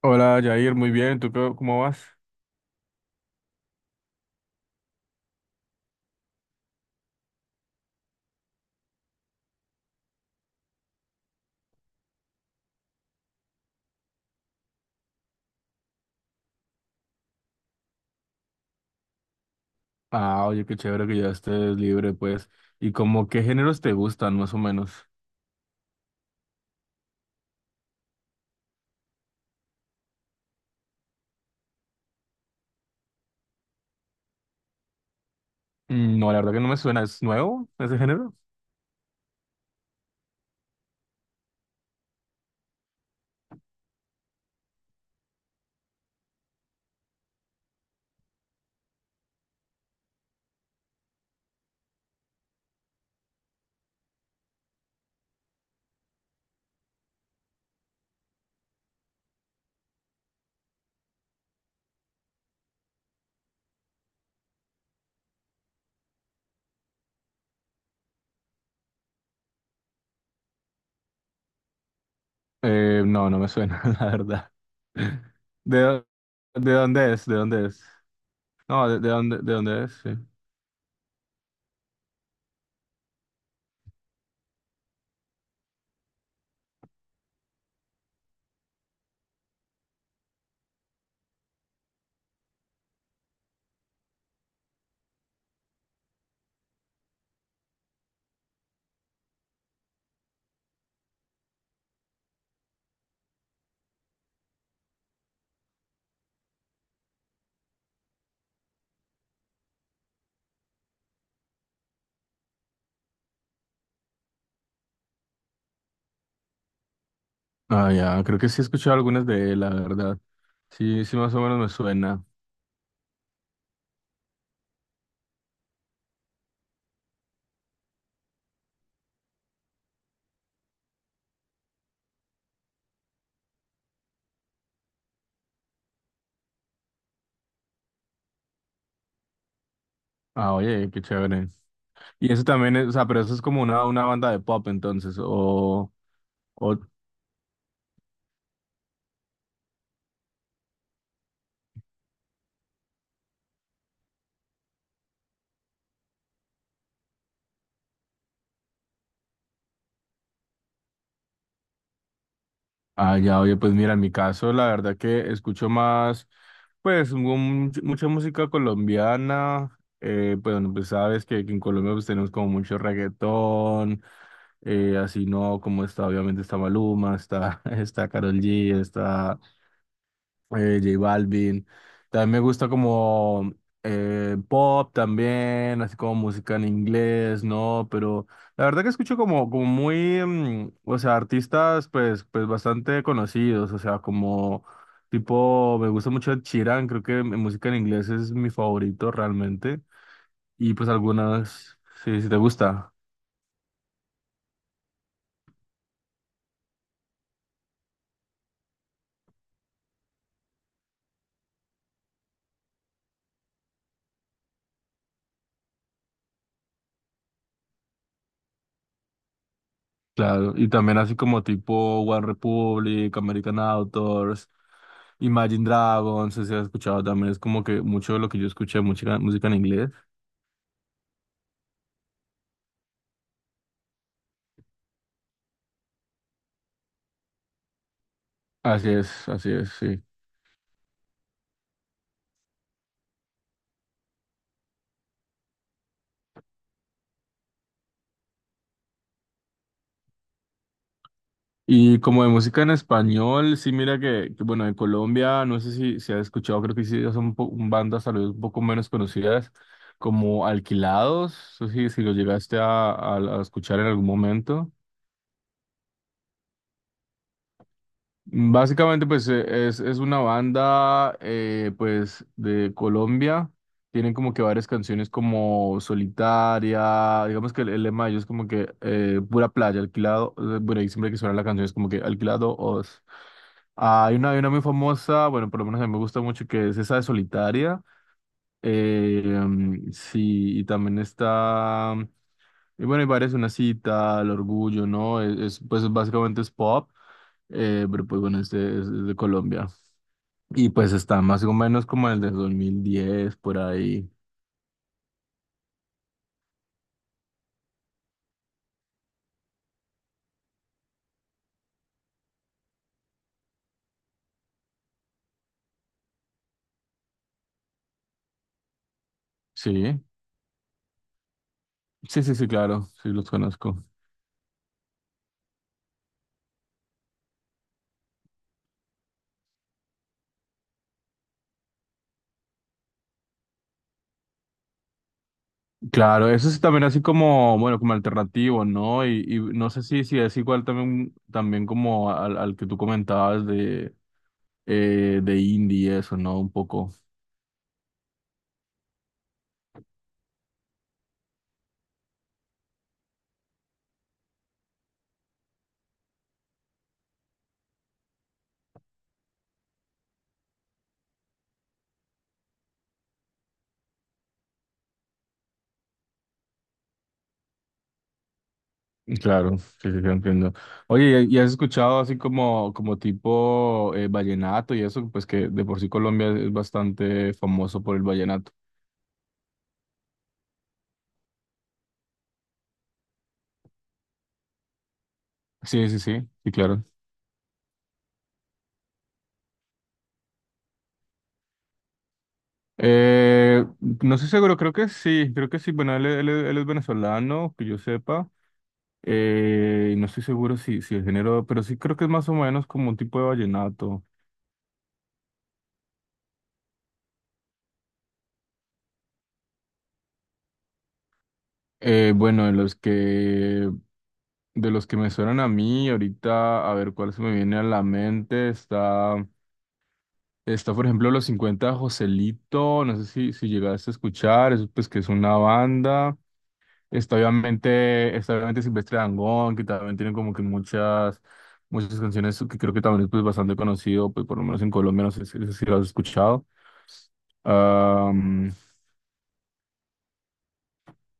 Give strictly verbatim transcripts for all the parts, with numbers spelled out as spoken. Hola, Jair, muy bien. ¿Tú qué- ¿cómo vas? Ah, oye, qué chévere que ya estés libre, pues. ¿Y como qué géneros te gustan, más o menos? Mm, no, la verdad que no me suena. ¿Es nuevo ese género? Eh, no, no me suena, la verdad. ¿De, dó- ¿De dónde es? ¿De dónde es? No, ¿de, de dónde, ¿de dónde es? Sí. Ah, ya, creo que sí he escuchado algunas de él, la verdad. Sí, sí, más o menos me suena. Ah, oye, qué chévere. Y eso también es, o sea, pero eso es como una, una banda de pop, entonces, o... o, ah, ya, oye, pues mira, en mi caso, la verdad que escucho más, pues, mu- mucha música colombiana. Eh, pues, bueno, pues sabes que, que en Colombia pues, tenemos como mucho reggaetón, eh, así no, como está, obviamente está Maluma, está, está Karol G, está eh, J Balvin. También me gusta como eh, pop también, así como música en inglés, ¿no? Pero la verdad que escucho como, como muy, mm, o sea, artistas pues, pues bastante conocidos, o sea, como tipo, me gusta mucho Ed Sheeran, creo que mi música en inglés es mi favorito realmente. Y pues algunas, sí, si te gusta, claro. Y también así como tipo One Republic, American Authors. Imagine Dragons, si has escuchado también, es como que mucho de lo que yo escuché, música, música en inglés. Así es, así es, sí. Y como de música en español, sí, mira que, que, bueno, en Colombia, no sé si, si has escuchado, creo que sí, ya son po- bandas tal vez un poco menos conocidas, como Alquilados, no sé si, si lo llegaste a, a a escuchar en algún momento. Básicamente, pues eh, es, es una banda eh, pues de Colombia. Tienen como que varias canciones como Solitaria. Digamos que el, el lema de ellos es como que eh, pura playa, alquilado. Eh, bueno, y siempre que suena la canción es como que alquilado os. Ah, hay una, hay una muy famosa, bueno, por lo menos a mí me gusta mucho, que es esa de Solitaria. Eh, mm, sí, y también está, y bueno, hay varias, una cita, el orgullo, ¿no? Es, es, pues básicamente es pop, eh, pero pues bueno, este es, es de Colombia. Y pues está más o menos como el de dos mil diez por ahí. Sí, sí, sí, sí, claro, sí los conozco. Claro, eso es también así como, bueno, como alternativo, ¿no? Y, y no sé si, si es igual también, también como al, al que tú comentabas de, eh, de indie, eso, ¿no? Un poco. Claro, sí, sí, sí, entiendo. Oye, ¿y y has escuchado así como, como tipo eh, vallenato y eso? Pues que de por sí Colombia es bastante famoso por el vallenato. Sí, sí, sí, sí, claro. Eh, no estoy seguro, creo que sí, creo que sí. Bueno, él, él- él es venezolano, que yo sepa. Eh, no estoy seguro si, si el género, pero sí creo que es más o menos como un tipo de vallenato. Eh, bueno, de los que de los que me suenan a mí, ahorita, a ver cuál se me viene a la mente, está. Está, por ejemplo, Los cincuenta de Joselito, no sé si, si llegaste a escuchar, es, pues que es una banda. Está obviamente, está obviamente Silvestre Dangond, que también tiene como que muchas, muchas canciones que creo que también es pues, bastante conocido, pues por lo menos en Colombia, no sé si, no sé si lo has escuchado. Am,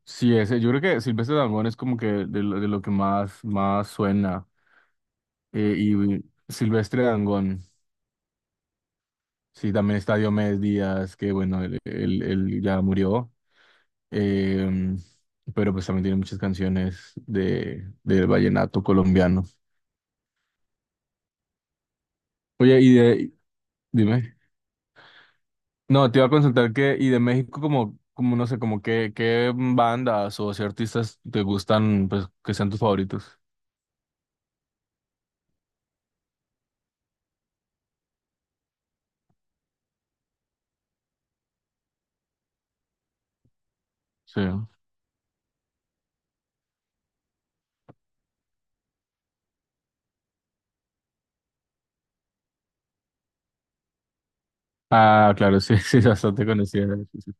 sí, ese, yo creo que Silvestre Dangond es como que de, lo de lo que más, más suena. Eh, y Silvestre Dangond, sí, también está Diomedes Díaz, que bueno, él él- él ya murió. Eh, pero pues también tiene muchas canciones de, del vallenato colombiano. Oye, y de, dime. No, te iba a consultar que, y de México como, como no sé, como qué, qué bandas o si artistas te gustan, pues, que sean tus favoritos. Sí. Ah, claro, sí, sí, bastante conocida. Sí, sí.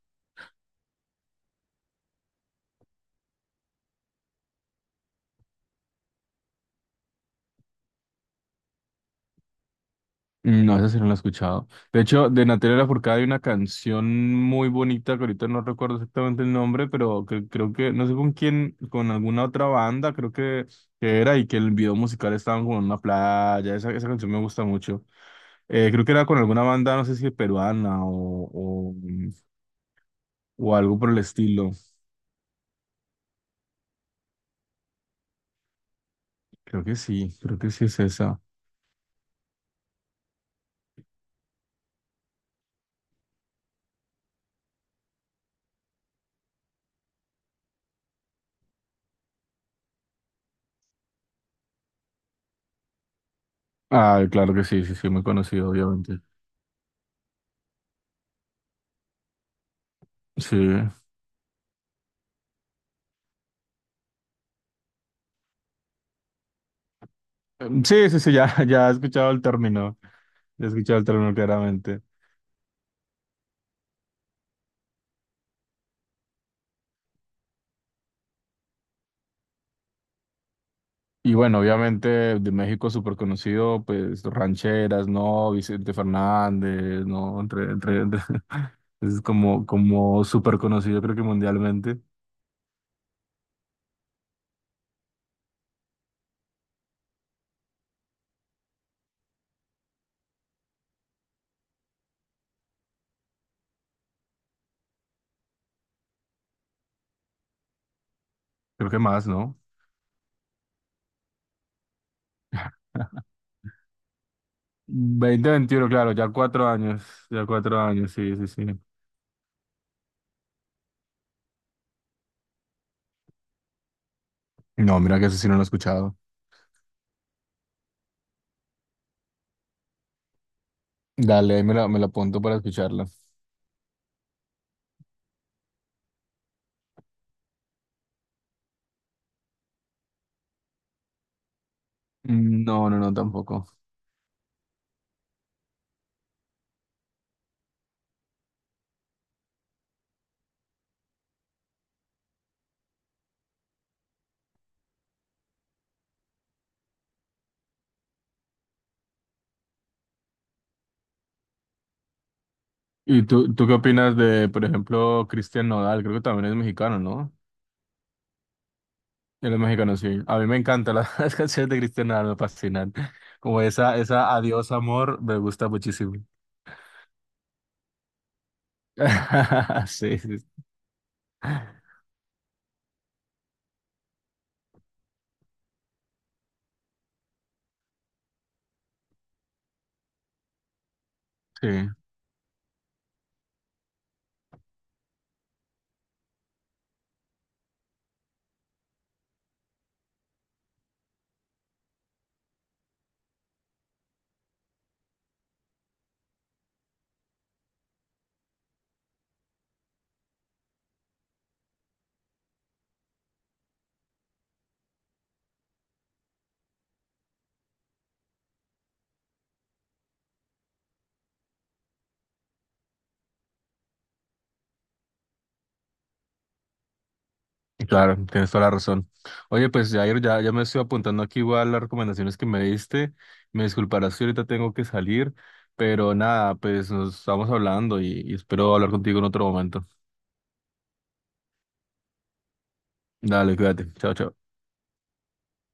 No, esa sí no la he escuchado. De hecho, de Natalia Lafourcade hay una canción muy bonita que ahorita no recuerdo exactamente el nombre, pero que, creo que, no sé con quién, con alguna otra banda, creo que, que era, y que el video musical estaba como en una playa. Esa, esa canción me gusta mucho. Eh, creo que era con alguna banda, no sé si peruana o, o, o algo por el estilo. Creo que sí, creo que sí es esa. Ah, claro que sí, sí, sí, muy conocido, obviamente. Sí. Em, Sí, sí, sí, ya, ya he escuchado el término, ya he escuchado el término claramente. Y bueno, obviamente de México súper conocido, pues rancheras, ¿no? Vicente Fernández, ¿no? Entre, entre, entre- es como, como súper conocido, creo que mundialmente, creo que más, ¿no? Veinte veintiuno, claro, ya cuatro años, ya cuatro años, sí, sí, sí. No, mira que eso sí no lo he escuchado. Dale, ahí me la, me la apunto para escucharla. Mm, no, no, no, tampoco. ¿Y tú, tú qué opinas de, por ejemplo, Cristian Nodal? Creo que también es mexicano, ¿no? Él es mexicano, sí. A mí me encantan las, las canciones de Cristian Nodal, me fascinan. Como esa, esa Adiós amor, me gusta muchísimo. Sí, sí, sí. Claro, tienes toda la razón. Oye, pues Jair, ya, ya me estoy apuntando aquí igual las recomendaciones que me diste. Me disculparás si ahorita tengo que salir, pero nada, pues nos estamos hablando y y espero hablar contigo en otro momento. Dale, cuídate. Chao, chao.